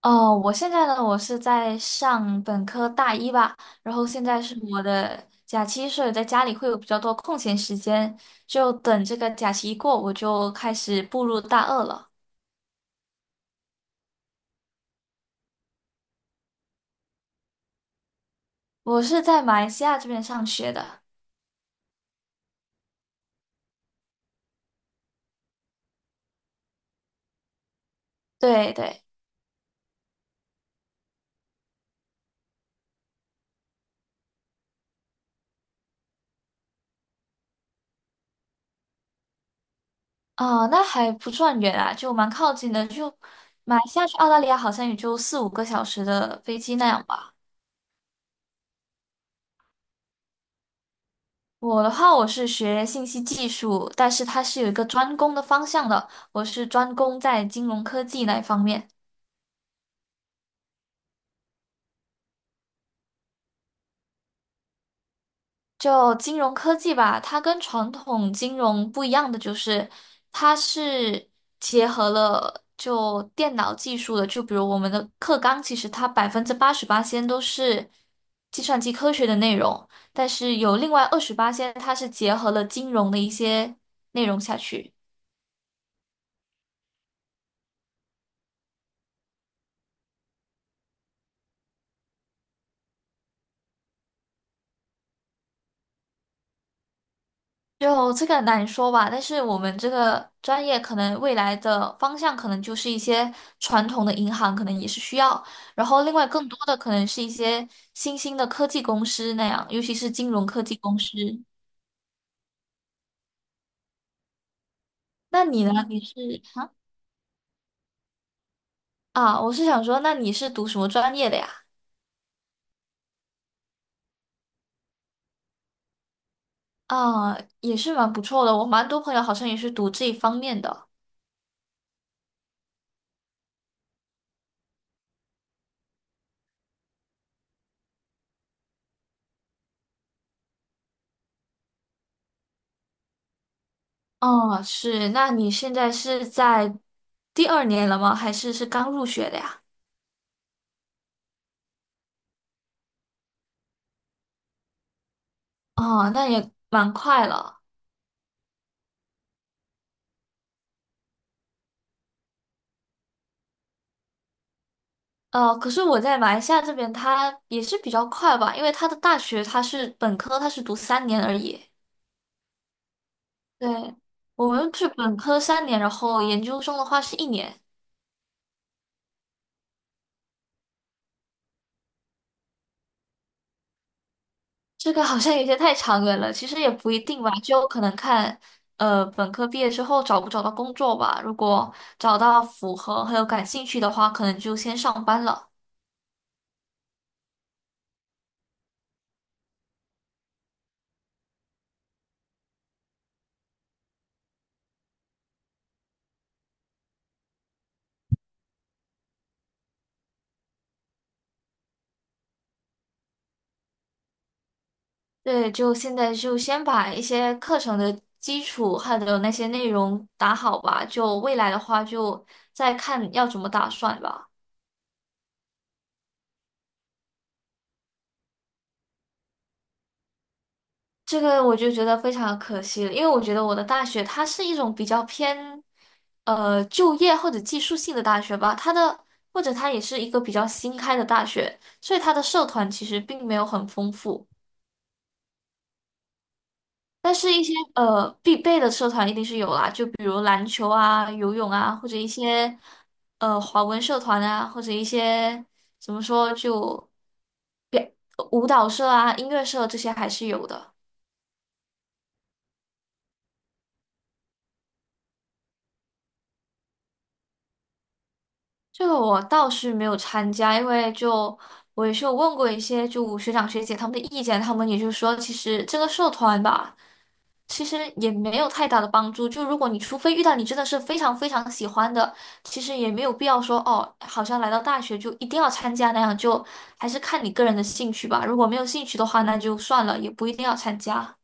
哦，我现在呢，我是在上本科大一吧，然后现在是我的假期，所以在家里会有比较多空闲时间，就等这个假期一过，我就开始步入大二了。我是在马来西亚这边上学的，对对，哦，那还不算远啊，就蛮靠近的，就马来西亚去澳大利亚好像也就四五个小时的飞机那样吧。我的话，我是学信息技术，但是它是有一个专攻的方向的。我是专攻在金融科技那一方面。就金融科技吧，它跟传统金融不一样的就是，它是结合了就电脑技术的。就比如我们的课纲，其实它88%先都是计算机科学的内容，但是有另外二十八先，它是结合了金融的一些内容下去。就这个难说吧，但是我们这个专业可能未来的方向可能就是一些传统的银行，可能也是需要，然后另外更多的可能是一些新兴的科技公司那样，尤其是金融科技公司。那你呢？你是啊啊，我是想说，那你是读什么专业的呀？啊，也是蛮不错的，我蛮多朋友好像也是读这一方面的。哦，是，那你现在是在第二年了吗？还是刚入学的呀？哦，那也蛮快了。可是我在马来西亚这边，它也是比较快吧，因为它的大学它是本科，它是读三年而已。对，我们是本科三年，然后研究生的话是1年，这个好像有些太长远了。其实也不一定吧，就可能看，本科毕业之后找不找到工作吧。如果找到符合还有感兴趣的话，可能就先上班了。对，就现在就先把一些课程的基础还有那些内容打好吧，就未来的话就再看要怎么打算吧。这个我就觉得非常可惜了，因为我觉得我的大学它是一种比较偏就业或者技术性的大学吧，或者它也是一个比较新开的大学，所以它的社团其实并没有很丰富。但是，一些必备的社团一定是有啦，就比如篮球啊、游泳啊，或者一些华文社团啊，或者一些怎么说就表舞蹈社啊、音乐社这些还是有的。这个我倒是没有参加，因为就我也是有问过一些就学长学姐他们的意见，他们也就说，其实这个社团吧。其实也没有太大的帮助。就如果你除非遇到你真的是非常非常喜欢的，其实也没有必要说哦，好像来到大学就一定要参加那样，就还是看你个人的兴趣吧。如果没有兴趣的话，那就算了，也不一定要参加。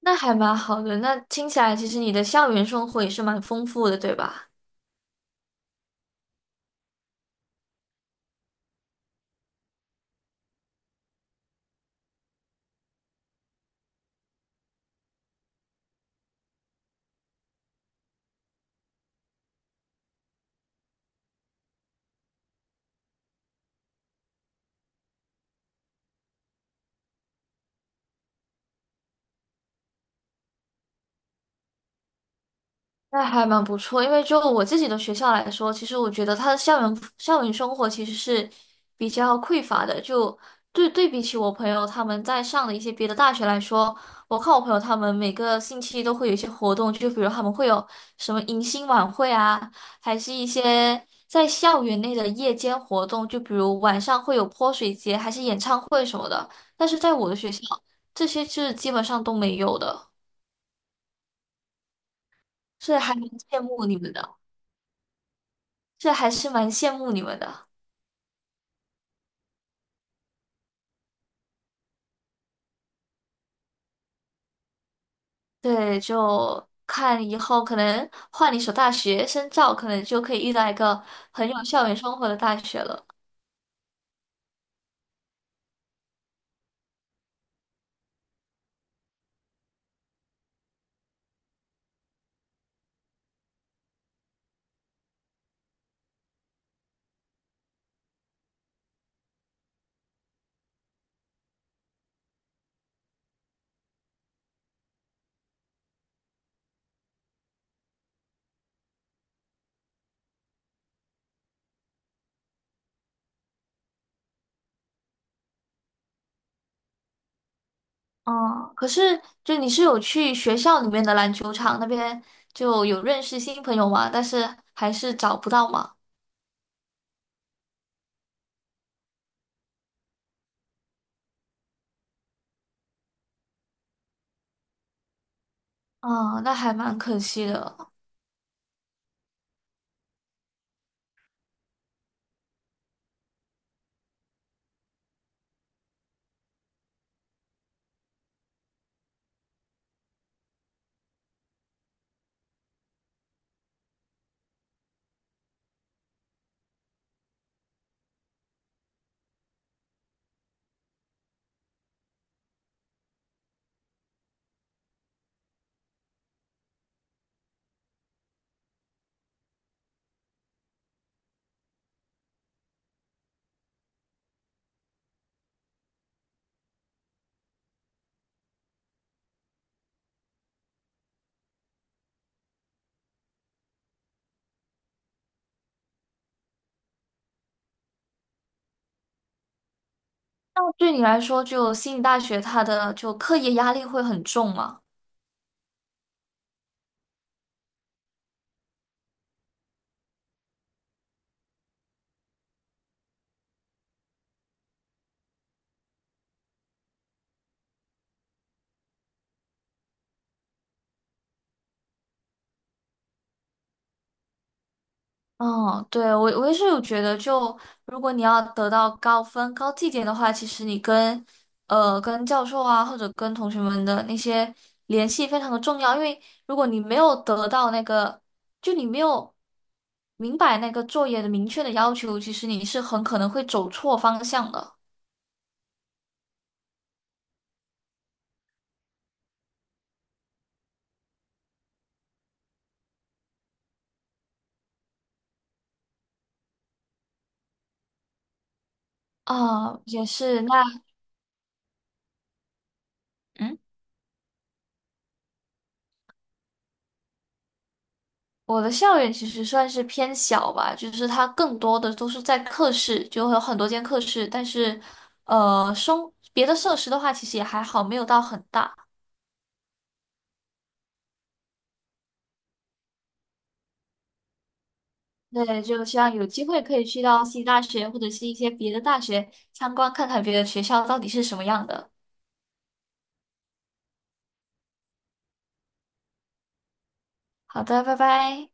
那还蛮好的。那听起来，其实你的校园生活也是蛮丰富的，对吧？那还蛮不错，因为就我自己的学校来说，其实我觉得它的校园生活其实是比较匮乏的。就，对对，比起我朋友他们在上的一些别的大学来说，我看我朋友他们每个星期都会有一些活动，就比如他们会有什么迎新晚会啊，还是一些在校园内的夜间活动，就比如晚上会有泼水节，还是演唱会什么的。但是在我的学校，这些是基本上都没有的，是还蛮羡慕你们的。这还是蛮羡慕你们的。对，就看以后可能换一所大学深造，可能就可以遇到一个很有校园生活的大学了。哦，可是就你是有去学校里面的篮球场那边就有认识新朋友吗？但是还是找不到嘛。嗯，那还蛮可惜的。那对你来说，就悉尼大学它的就课业压力会很重吗？哦，对，我也是有觉得就，如果你要得到高分、高绩点的话，其实你跟教授啊，或者跟同学们的那些联系非常的重要，因为如果你没有得到那个，就你没有明白那个作业的明确的要求，其实你是很可能会走错方向的。啊、也是，那嗯。我的校园其实算是偏小吧，就是它更多的都是在课室，就会有很多间课室，但是，生别的设施的话，其实也还好，没有到很大。对，就希望有机会可以去到西大学或者是一些别的大学参观，看看别的学校到底是什么样的。好的，拜拜。